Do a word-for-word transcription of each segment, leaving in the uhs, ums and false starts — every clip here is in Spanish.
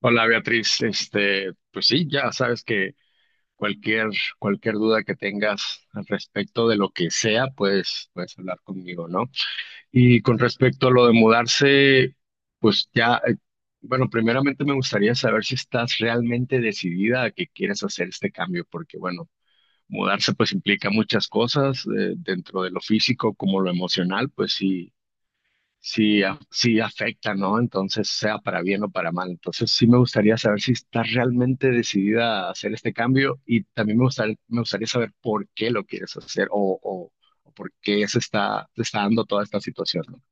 Hola Beatriz, este, pues sí, ya sabes que cualquier, cualquier duda que tengas al respecto de lo que sea, pues puedes hablar conmigo, ¿no? Y con respecto a lo de mudarse, pues ya, eh, bueno, primeramente me gustaría saber si estás realmente decidida a que quieres hacer este cambio, porque bueno, mudarse pues implica muchas cosas, eh, dentro de lo físico como lo emocional, pues sí sí, a- sí afecta, ¿no? Entonces, sea para bien o para mal. Entonces, sí me gustaría saber si estás realmente decidida a hacer este cambio y también me gustaría, me gustaría saber por qué lo quieres hacer o, o- o por qué se está, se está dando toda esta situación, ¿no?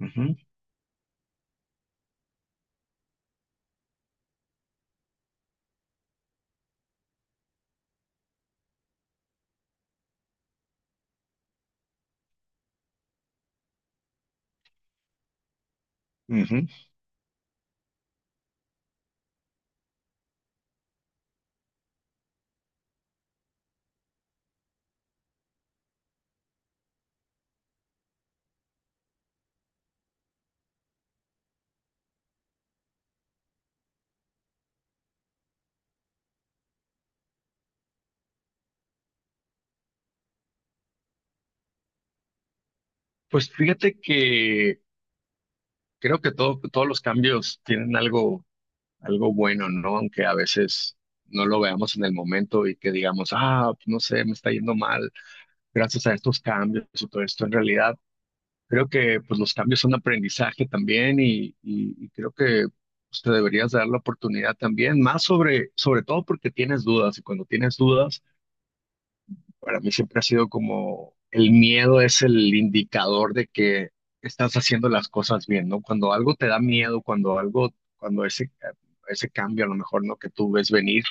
Ujú, ujú. Pues fíjate que creo que todo, todos los cambios tienen algo, algo bueno, ¿no? Aunque a veces no lo veamos en el momento y que digamos, ah, no sé, me está yendo mal gracias a estos cambios y todo esto. En realidad, creo que pues los cambios son aprendizaje también y, y, y creo que pues, te deberías dar la oportunidad también, más sobre, sobre todo porque tienes dudas y cuando tienes dudas, para mí siempre ha sido como el miedo es el indicador de que estás haciendo las cosas bien, ¿no? Cuando algo te da miedo, cuando algo, cuando ese, ese cambio a lo mejor, ¿no? Que tú ves venir,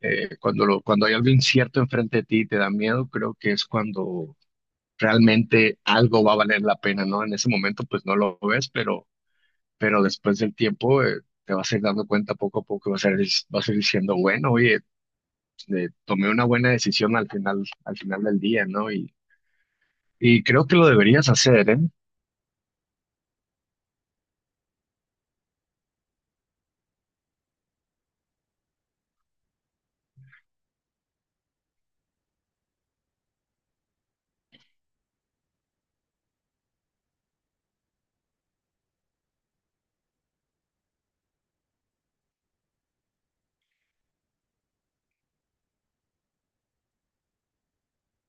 eh, cuando lo, cuando hay algo incierto enfrente de ti y te da miedo, creo que es cuando realmente algo va a valer la pena, ¿no? En ese momento pues no lo ves, pero, pero después del tiempo eh, te vas a ir dando cuenta poco a poco, y vas a ir, vas a ir diciendo, bueno, oye, eh, tomé una buena decisión al final, al final del día, ¿no? Y y creo que lo deberías hacer, ¿eh?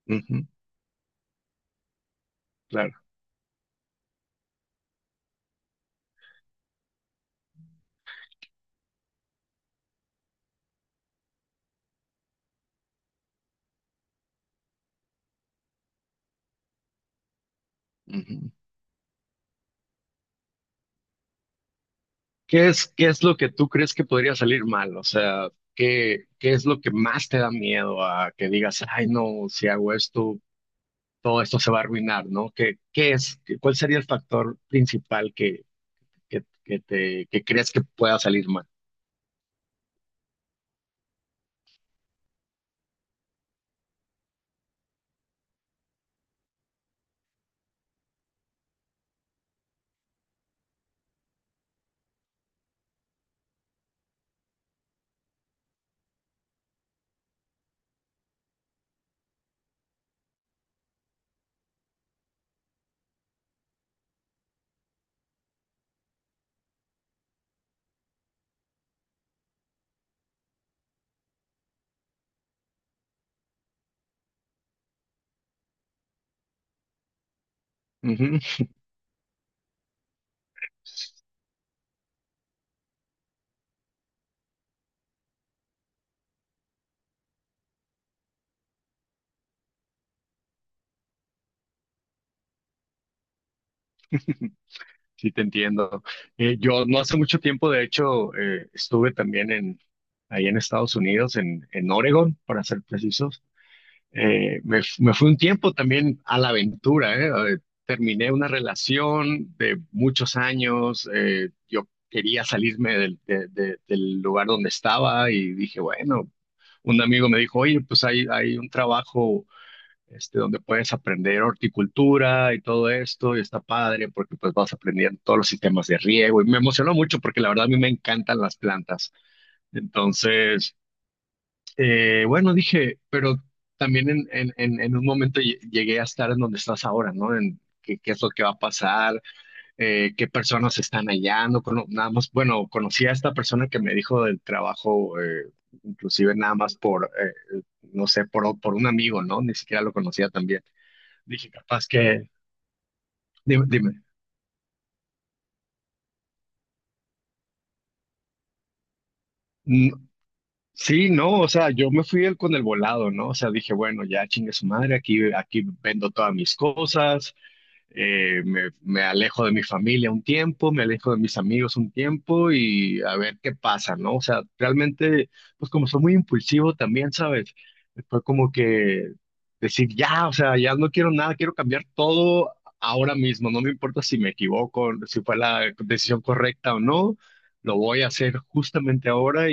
Ujú, claro. Ujú. ¿Qué es, qué es lo que tú crees que podría salir mal? O sea, ¿qué, qué es lo que más te da miedo a que digas, ay, no, si hago esto, todo esto se va a arruinar, ¿no? ¿Qué, qué es, qué- cuál sería el factor principal que, que, que te, que crees que pueda salir mal? Ujú. Sí, te entiendo. Eh, yo no hace mucho tiempo, de hecho, eh, estuve también en, ahí en Estados Unidos, en, en Oregon, para ser precisos. Eh, me, f- me fui un tiempo también a la aventura, ¿eh? Eh, Terminé una relación de muchos años, eh, yo quería salirme del, de- de- del lugar donde estaba y dije, bueno, un amigo me dijo, oye, pues hay, hay un trabajo este, donde puedes aprender horticultura y todo esto, y está padre porque pues vas aprendiendo todos los sistemas de riego y me emocionó mucho porque la verdad a mí me encantan las plantas. Entonces... Eh, bueno, dije, pero también en, en, en, en un momento lle- llegué a estar en donde estás ahora, ¿no? En qué, qué es lo que va a pasar, eh, qué personas están allá, no cono- nada más, bueno, conocí a esta persona que me dijo del trabajo, eh, inclusive nada más por, eh, no sé, por, por un amigo, ¿no? Ni siquiera lo conocía también. Dije, capaz que, dime, dime. Mm, Sí, no, o sea, yo me fui el- con el volado, ¿no? O sea, dije, bueno, ya chingue su madre, aquí, aquí vendo todas mis cosas. Eh, me, me alejo de mi familia un tiempo, me alejo de mis amigos un tiempo y a ver qué pasa, ¿no? O sea, realmente, pues como soy muy impulsivo también, ¿sabes? Fue como que decir, ya, o sea, ya no quiero nada, quiero cambiar todo ahora mismo, no me importa si me equivoco, si fue la decisión correcta o no, lo voy a hacer justamente ahora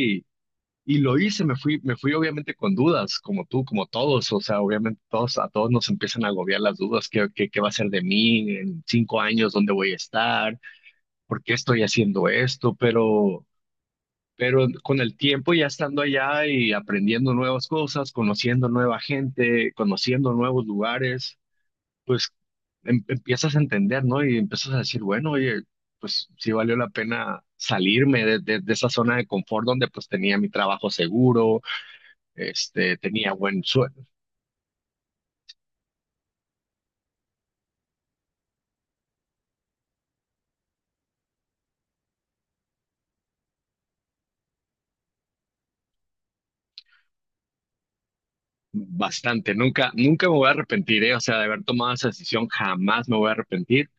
y lo hice, me fui, me fui obviamente con dudas, como tú, como todos, o sea, obviamente todos, a todos nos empiezan a agobiar las dudas, ¿qué, qué, qué va a ser de mí en cinco años? ¿Dónde voy a estar? ¿Por qué estoy haciendo esto? Pero, pero con el tiempo ya estando allá y aprendiendo nuevas cosas, conociendo nueva gente, conociendo nuevos lugares, pues em- empiezas a entender, ¿no? Y empiezas a decir, bueno, oye, pues sí valió la pena salirme de, de, de esa zona de confort donde pues tenía mi trabajo seguro, este, tenía buen sueldo, bastante. Nunca, nunca me voy a arrepentir, ¿eh? O sea, de haber tomado esa decisión, jamás me voy a arrepentir.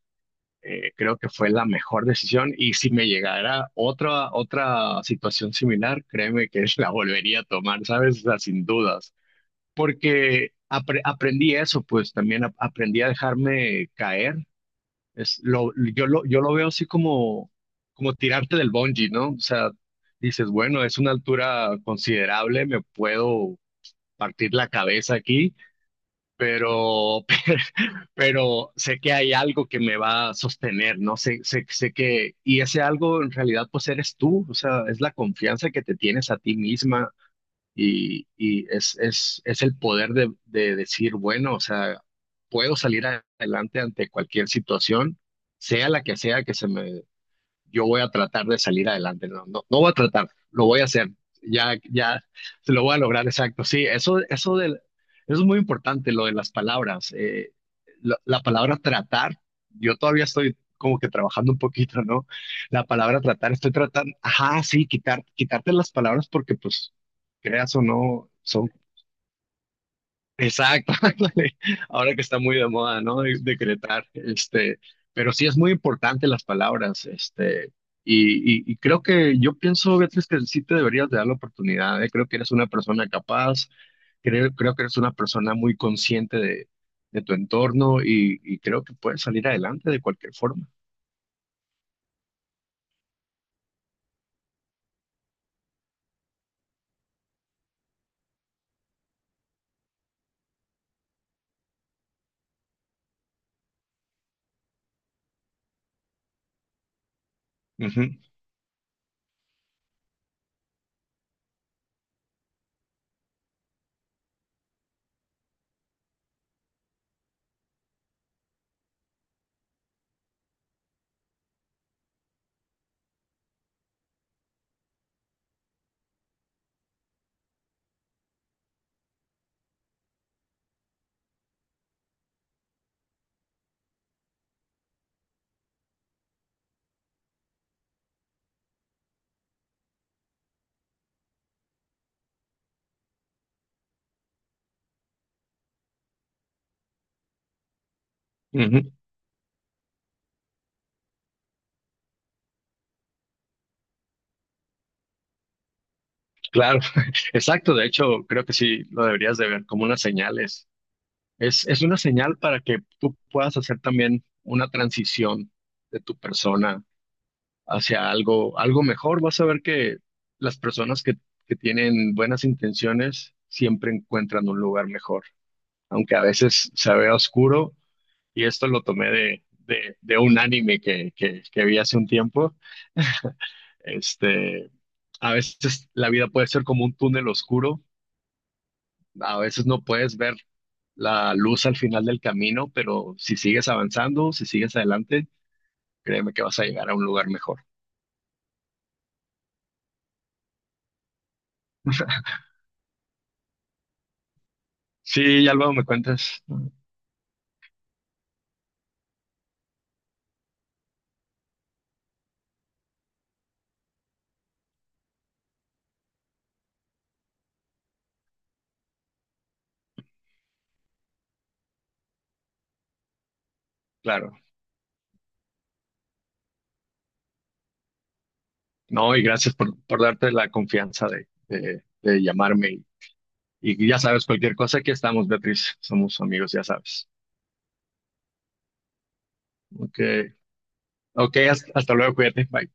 Eh, creo que fue la mejor decisión y si me llegara otra, otra situación similar, créeme que la volvería a tomar, ¿sabes? O sea, sin dudas. Porque apre- aprendí eso, pues también ap- aprendí a dejarme caer. Es lo, yo, lo, Yo lo veo así como, como tirarte del bungee, ¿no? O sea, dices, bueno, es una altura considerable, me puedo partir la cabeza aquí, pero, pero, sé que hay algo que me va a sostener, ¿no? Sé, sé, sé que, y ese algo en realidad pues eres tú, o sea, es la confianza que te tienes a ti misma y, y es, es, es el poder de, de decir, bueno, o sea, puedo salir adelante ante cualquier situación, sea la que sea que se me. Yo voy a tratar de salir adelante, no, no, no voy a tratar, lo voy a hacer, ya, ya, se lo voy a lograr, exacto, sí, eso, eso del, eso es muy importante, lo de las palabras, eh, la, la palabra tratar, yo todavía estoy como que trabajando un poquito, ¿no? La palabra tratar, estoy tratando, ajá, sí, quitar, quitarte las palabras porque pues, creas o no, son. Exacto, ándale. Ahora que está muy de moda, ¿no? De- Decretar, este, pero sí es muy importante las palabras, este, y, y, y creo que yo pienso, Beatriz, que sí te deberías de dar la oportunidad, ¿eh? Creo que eres una persona capaz, creo, creo que eres una persona muy consciente de, de tu entorno y, y creo que puedes salir adelante de cualquier forma. Ujú, ujú. Claro, exacto, de hecho, creo que sí lo deberías de ver como unas señales. Es, es una señal para que tú puedas hacer también una transición de tu persona hacia algo, algo mejor. Vas a ver que las personas que, que tienen buenas intenciones siempre encuentran un lugar mejor, aunque a veces se vea oscuro. Y esto lo tomé de, de, de un anime que, que, que vi hace un tiempo. Este, a veces la vida puede ser como un túnel oscuro. A veces no puedes ver la luz al final del camino, pero si sigues avanzando, si sigues adelante, créeme que vas a llegar a un lugar mejor. Sí, ya luego me cuentas, ¿no? Claro. No, y gracias por, por darte la confianza de, de- de llamarme. Y, y ya sabes, cualquier cosa, aquí estamos, Beatriz. Somos amigos, ya sabes. Ok, ok, hasta hasta luego, cuídate, bye.